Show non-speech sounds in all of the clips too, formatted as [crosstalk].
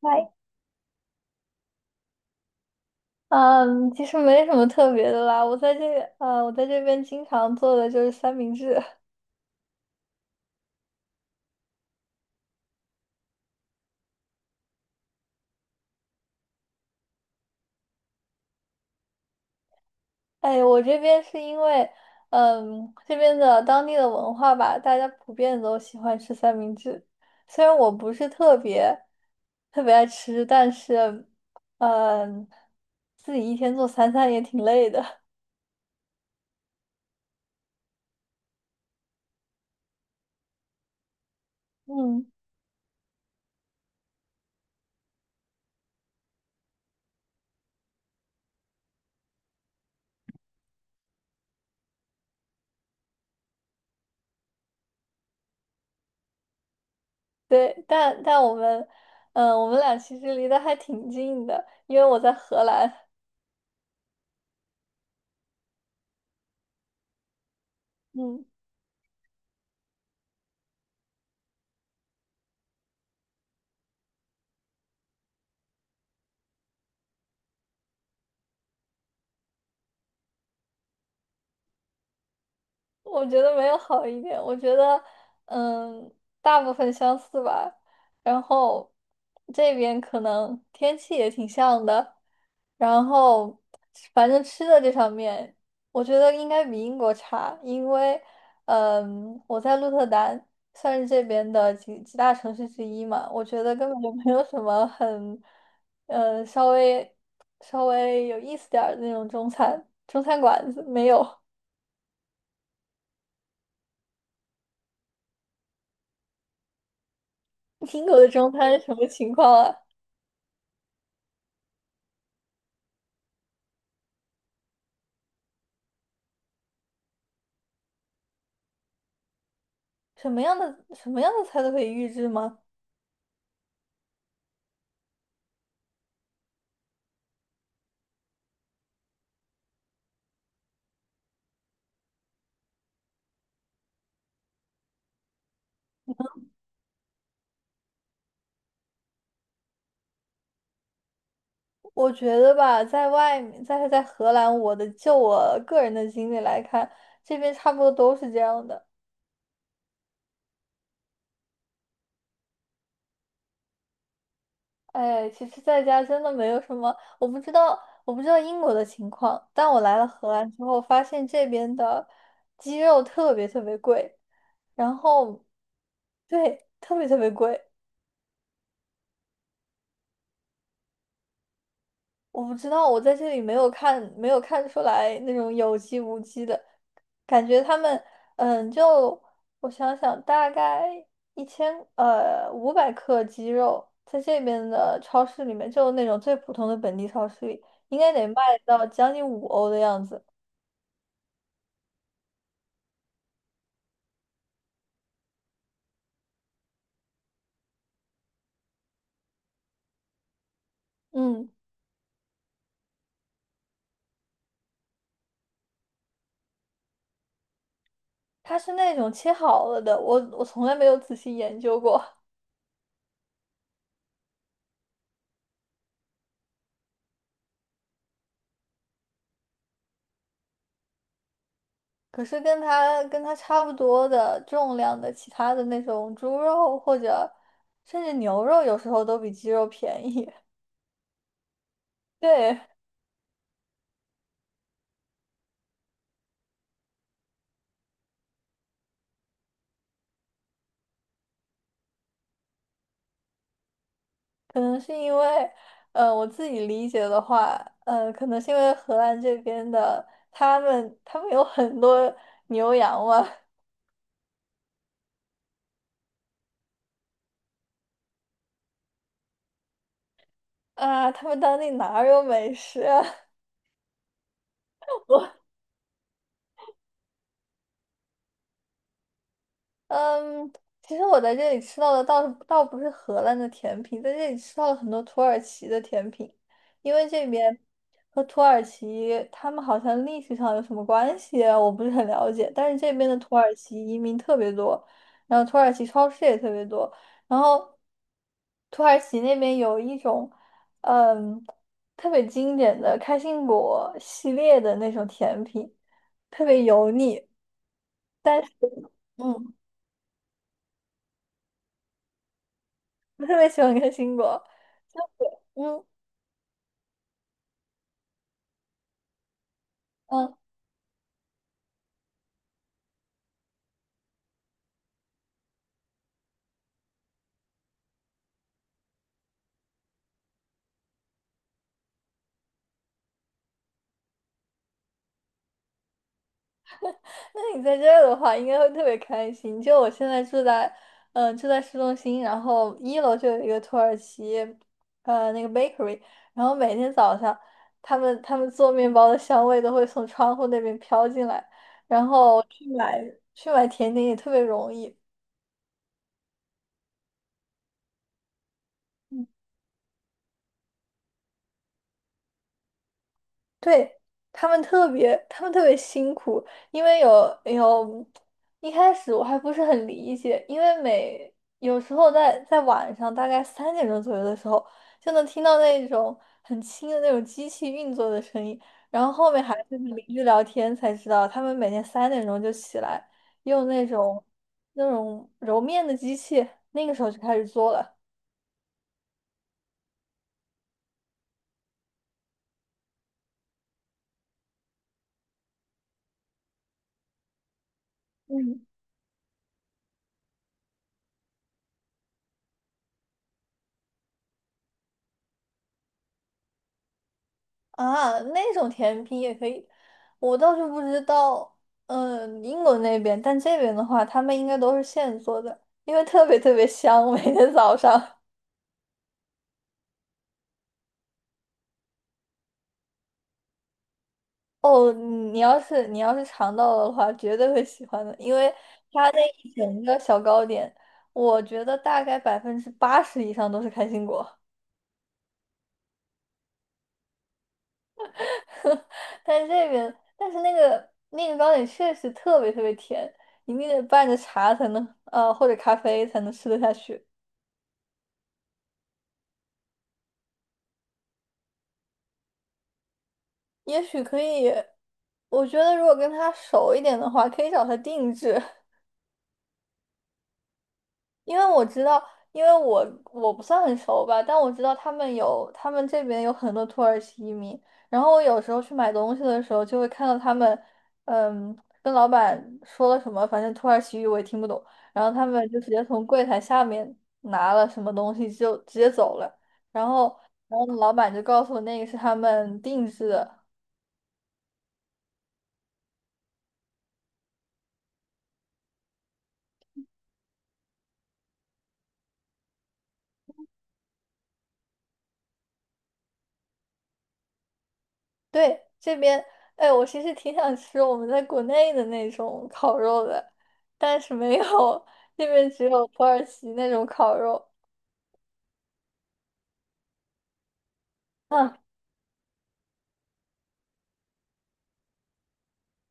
嗨，嗯，其实没什么特别的啦。我在这边经常做的就是三明治。[laughs] 哎，我这边是因为这边的当地的文化吧，大家普遍都喜欢吃三明治。虽然我不是特别特别爱吃，但是，嗯，自己一天做三餐也挺累的。[laughs] 嗯，对，但我们，我们俩其实离得还挺近的，因为我在荷兰。[laughs] 嗯。我觉得没有好一点，我觉得，嗯，大部分相似吧。然后这边可能天气也挺像的，然后反正吃的这方面，我觉得应该比英国差，因为我在鹿特丹算是这边的几大城市之一嘛，我觉得根本就没有什么呃，稍微稍微有意思点儿的那种中餐馆子没有。英国的中餐是什么情况啊？什么样的菜都可以预制吗？我觉得吧，在外面，在荷兰，我的就我个人的经历来看，这边差不多都是这样的。哎，其实在家真的没有什么，我不知道英国的情况，但我来了荷兰之后，发现这边的鸡肉特别特别贵，然后对，特别特别贵。我不知道，我在这里没有看，没有看出来那种有机无机的感觉。他们，嗯，就我想想，大概一千五百克鸡肉，在这边的超市里面，就那种最普通的本地超市里，应该得卖到将近5欧的样子。嗯，它是那种切好了的，我从来没有仔细研究过。可是跟它差不多的重量的其他的那种猪肉或者甚至牛肉，有时候都比鸡肉便宜。[laughs] 对，可能是因为，呃，我自己理解的话，可能是因为荷兰这边的他们有很多牛羊嘛。[laughs] 啊，他们当地哪儿有美食啊？嗯，其实我在这里吃到的倒不是荷兰的甜品，在这里吃到了很多土耳其的甜品，因为这边和土耳其他们好像历史上有什么关系啊，我不是很了解。但是这边的土耳其移民特别多，然后土耳其超市也特别多，然后土耳其那边有一种嗯特别经典的开心果系列的那种甜品，特别油腻，但是嗯。[laughs] 我特别喜欢看新果。就嗯嗯，那你在这儿的话，应该会特别开心。就我现在住在市中心，然后一楼就有一个土耳其，那个 bakery，然后每天早上，他们做面包的香味都会从窗户那边飘进来，然后去买甜点也特别容易。对，他们特别辛苦，因为一开始我还不是很理解，因为每有时候在晚上大概三点钟左右的时候，就能听到那种很轻的那种机器运作的声音，然后后面还跟邻居聊天才知道，他们每天三点钟就起来，用那种揉面的机器，那个时候就开始做了。嗯。啊，那种甜品也可以，我倒是不知道，英国那边，但这边的话，他们应该都是现做的，因为特别特别香，每天早上。哦，你要是尝到了的话，绝对会喜欢的，因为它那一整个小糕点，我觉得大概80%以上都是开心果。[laughs] 但是这边，但是那个糕点确实特别特别甜，你必须得拌着茶才能，或者咖啡才能吃得下去。也许可以，我觉得如果跟他熟一点的话，可以找他定制。[laughs] 因为我知道，因为我不算很熟吧，但我知道他们这边有很多土耳其移民，然后我有时候去买东西的时候，就会看到他们，嗯，跟老板说了什么，反正土耳其语我也听不懂，然后他们就直接从柜台下面拿了什么东西就直接走了，然后然后老板就告诉我那个是他们定制的。对，这边，哎，我其实挺想吃我们在国内的那种烤肉的，但是没有，这边只有土耳其那种烤肉。嗯，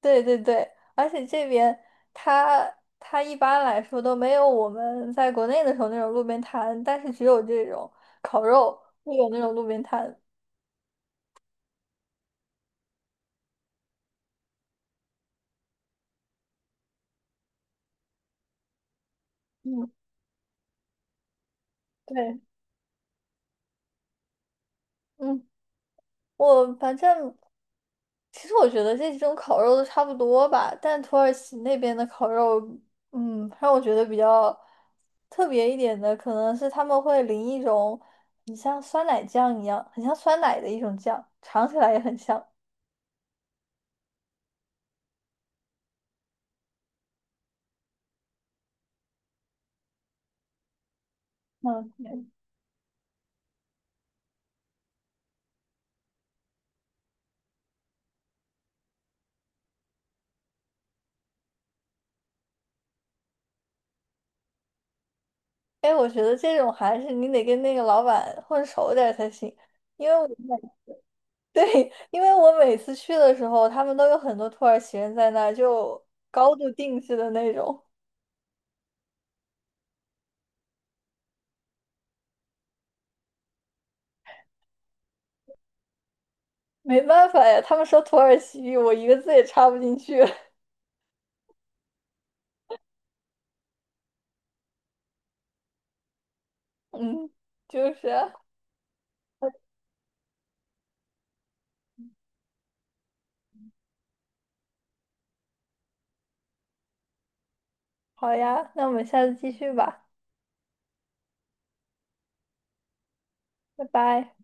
对对对，而且这边它它一般来说都没有我们在国内的时候那种路边摊，但是只有这种烤肉会有那种路边摊。嗯，对，嗯，我反正其实我觉得这几种烤肉都差不多吧，但土耳其那边的烤肉，让我觉得比较特别一点的，可能是他们会淋一种很像酸奶酱一样，很像酸奶的一种酱，尝起来也很像。嗯，嗯哎，我觉得这种还是你得跟那个老板混熟点儿才行，因为我每 [laughs] 对，因为我每次去的时候，他们都有很多土耳其人在那儿就高度定制的那种。没办法呀，他们说土耳其语，我一个字也插不进去。[laughs] 嗯，就是啊，好呀，那我们下次继续吧。拜拜。